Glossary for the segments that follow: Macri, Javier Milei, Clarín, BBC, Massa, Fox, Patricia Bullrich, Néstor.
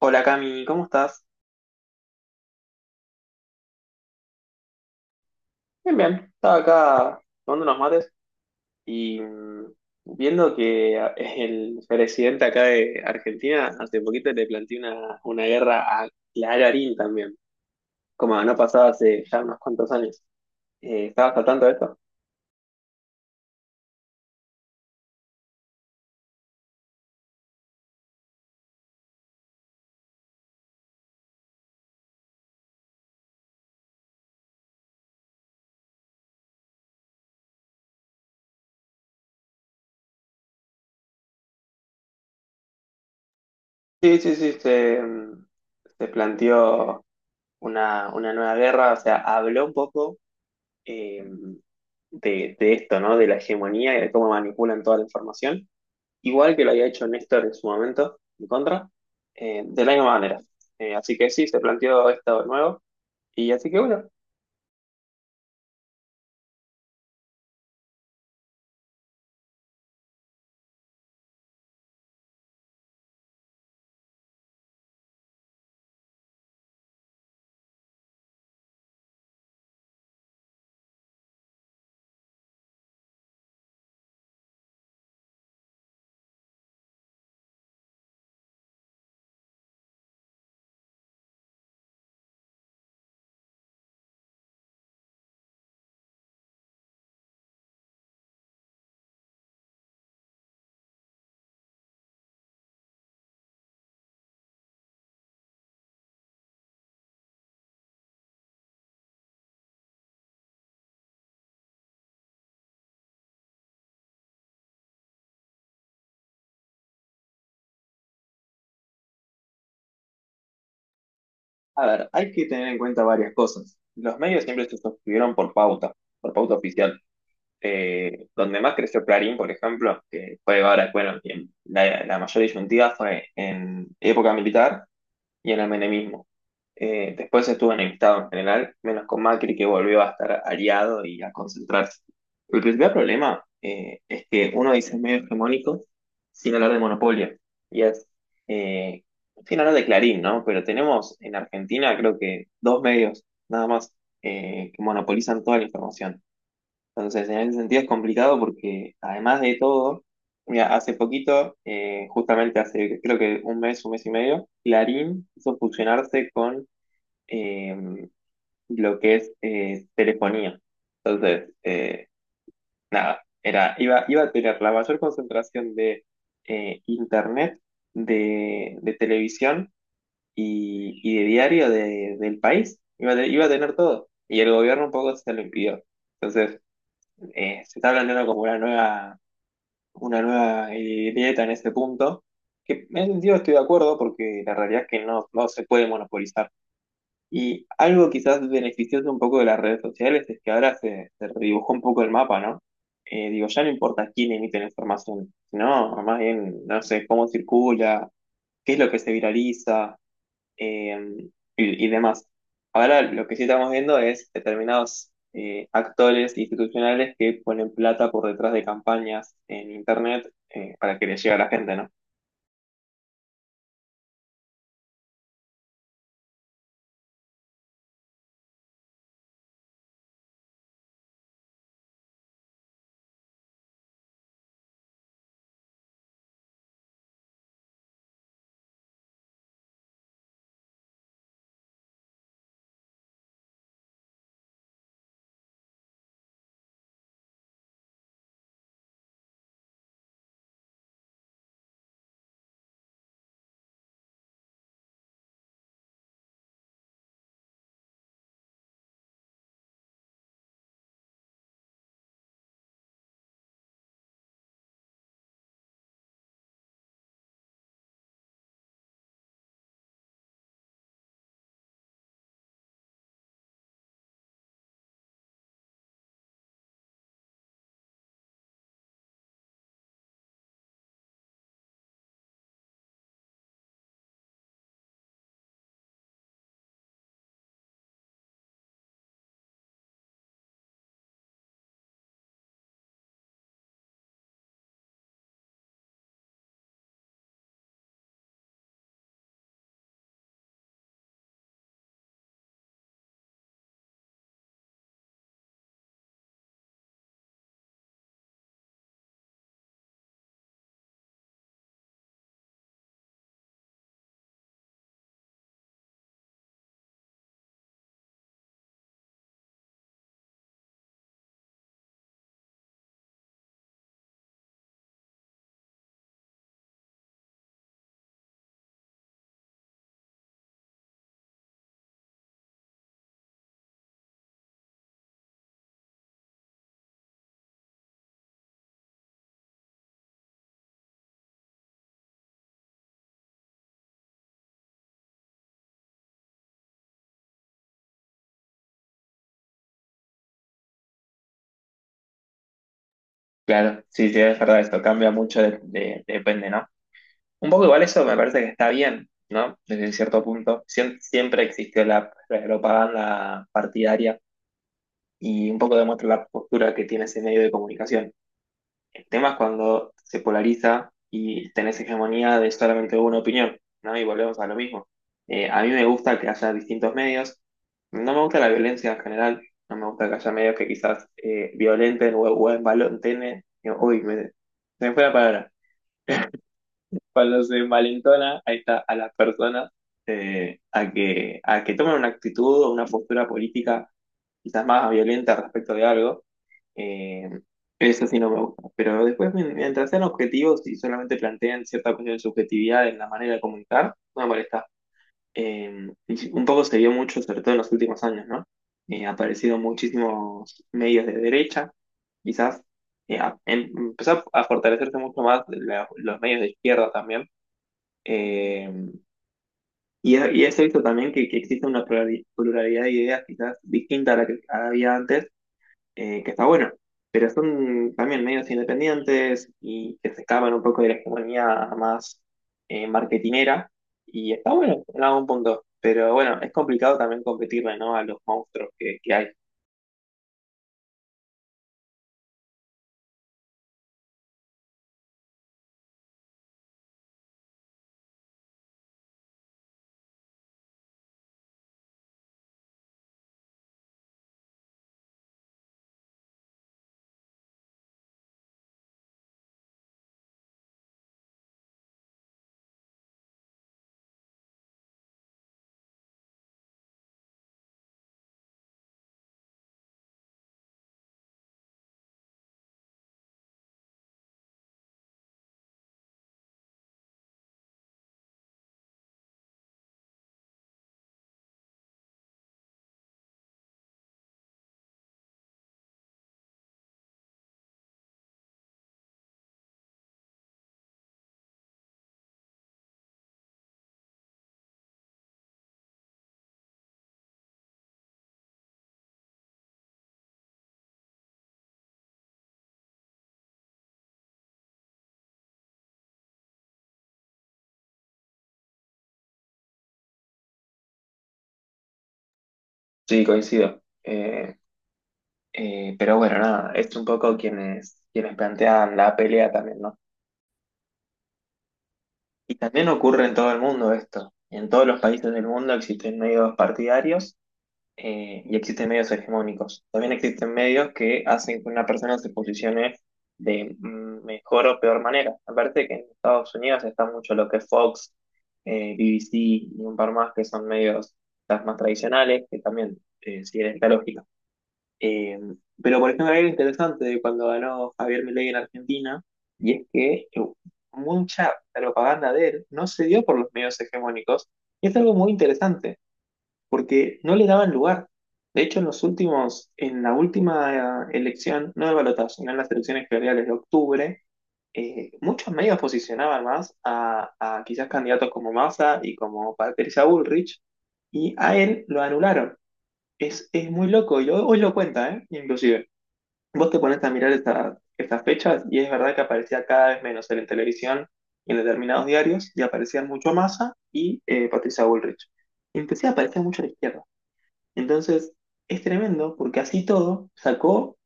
Hola Cami, ¿cómo estás? Bien, bien. Estaba acá tomando unos mates y viendo que el presidente acá de Argentina hace poquito le planteó una guerra a Clarín también, como no pasaba hace ya unos cuantos años. ¿Estabas al tanto de esto? Sí, sí, sí, se planteó una nueva guerra, o sea, habló un poco eh, de esto, ¿no? De la hegemonía y de cómo manipulan toda la información. Igual que lo había hecho Néstor en su momento, en contra, de la misma manera. Así que sí, se planteó esto de nuevo. Y así que bueno, a ver, hay que tener en cuenta varias cosas. Los medios siempre se suscribieron por pauta oficial. Donde más creció Clarín, por ejemplo, que fue ahora, bueno, en la mayor disyuntiva fue en época militar y en el menemismo. Después estuvo enemistado en general, menos con Macri que volvió a estar aliado y a concentrarse. El principal problema es que uno dice medio hegemónico sin hablar de monopolio. Y es, eh, Sin hablar de Clarín, ¿no? Pero tenemos en Argentina creo que dos medios nada más que monopolizan toda la información. Entonces, en ese sentido es complicado porque además de todo, mira, hace poquito, justamente hace creo que un mes y medio, Clarín hizo fusionarse con eh, lo que es telefonía. Entonces, nada, iba a tener la mayor concentración de internet, de televisión y de diario del país. Iba a, iba a tener todo. Y el gobierno un poco se lo impidió. Entonces, se está planteando como una nueva dieta en este punto, que en ese sentido estoy de acuerdo porque la realidad es que no, no se puede monopolizar. Y algo quizás beneficioso un poco de las redes sociales es que ahora se, se redibujó un poco el mapa, ¿no? Digo, ya no importa quién emite la información, sino más bien, no sé, cómo circula, qué es lo que se viraliza, eh, y demás. Ahora lo que sí estamos viendo es determinados actores institucionales que ponen plata por detrás de campañas en internet para que les llegue a la gente, ¿no? Claro, sí, sí, es verdad, esto cambia mucho, depende, ¿no? Un poco igual eso me parece que está bien, ¿no? Desde cierto punto. Siempre existió la propaganda partidaria y un poco demuestra la postura que tiene ese medio de comunicación. El tema es cuando se polariza y tenés hegemonía de solamente una opinión, ¿no? Y volvemos a lo mismo. A mí me gusta que haya distintos medios. No me gusta la violencia en general. No me gusta que haya medios que quizás violenten o envalenten. Uy, se me fue la palabra cuando se malentona ahí está, a las personas a que tomen una actitud o una postura política quizás más violenta respecto de algo. eh, Eso sí no me gusta. Pero después, mientras sean objetivos y solamente planteen cierta cuestión de subjetividad en la manera de comunicar, no me molesta. Y sí, un poco se vio mucho, sobre todo en los últimos años, ¿no? Ha aparecido muchísimos medios de derecha, quizás empezó a fortalecerse mucho más los medios de izquierda también eh, y he visto también que existe una pluralidad de ideas quizás distinta a la que había antes, que está bueno, pero son también medios independientes y que se escapan un poco de la hegemonía más marketinera y está bueno en algún punto, pero bueno, es complicado también competirle, ¿no? A los monstruos que hay. Sí, coincido. Pero bueno, nada, es un poco quienes, quienes plantean la pelea también, ¿no? Y también ocurre en todo el mundo esto. En todos los países del mundo existen medios partidarios y existen medios hegemónicos. También existen medios que hacen que una persona se posicione de mejor o peor manera. Aparte que en Estados Unidos está mucho lo que es Fox, BBC y un par más que son medios quizás más tradicionales, que también siguen esta lógica. Eh, pero por ejemplo, hay algo interesante de cuando ganó Javier Milei en Argentina, y es que mucha propaganda de él no se dio por los medios hegemónicos, y es algo muy interesante, porque no le daban lugar. De hecho, en los últimos, en la última elección, no de balotaje, sino en las elecciones generales de octubre, muchos medios posicionaban más a quizás candidatos como Massa y como Patricia Bullrich, y a él lo anularon. Es muy loco, y hoy lo cuenta, ¿eh? Inclusive. Vos te pones a mirar estas fechas y es verdad que aparecía cada vez menos él en la televisión y en determinados diarios y aparecían mucho Massa y Patricia Bullrich. Y empecé a aparecer mucho a la izquierda. Entonces es tremendo porque así todo sacó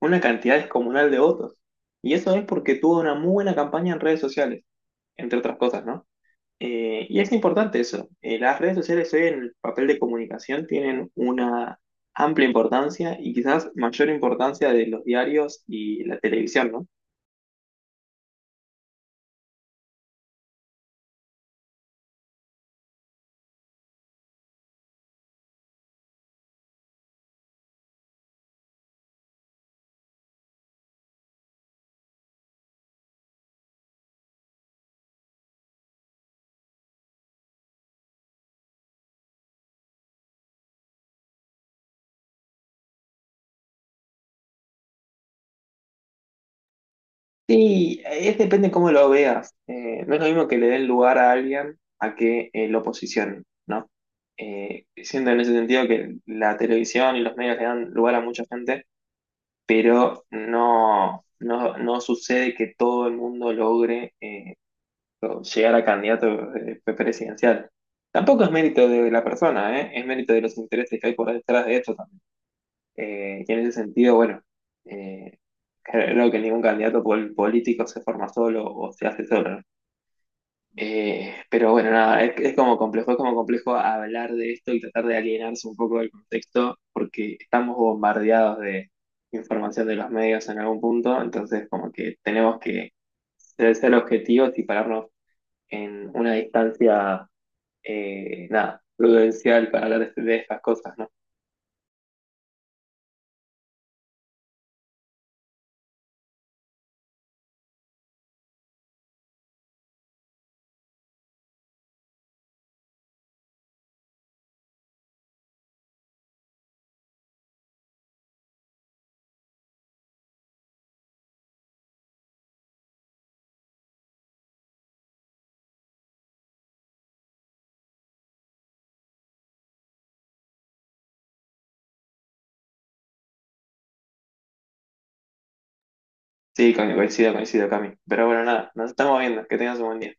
una cantidad descomunal de votos. Y eso es porque tuvo una muy buena campaña en redes sociales, entre otras cosas, ¿no? Y es importante eso. Las redes sociales hoy en el papel de comunicación tienen una amplia importancia y quizás mayor importancia de los diarios y la televisión, ¿no? Sí, es depende cómo lo veas. No es lo mismo que le den lugar a alguien a que lo posicionen, ¿no? Siento en ese sentido que la televisión y los medios le dan lugar a mucha gente, pero no, no, no sucede que todo el mundo logre o llegar a candidato presidencial. Tampoco es mérito de la persona, ¿eh? Es mérito de los intereses que hay por detrás de esto también. Y en ese sentido, bueno, eh, creo que ningún candidato político se forma solo o se hace solo, ¿no? Pero bueno, nada, es como complejo hablar de esto y tratar de alienarse un poco del contexto porque estamos bombardeados de información de los medios en algún punto, entonces como que tenemos que ser objetivos y pararnos en una distancia, nada, prudencial para hablar de estas cosas, ¿no? Sí, coincido, coincido, Cami. Pero bueno, nada, nos estamos viendo. Que tengas un buen día.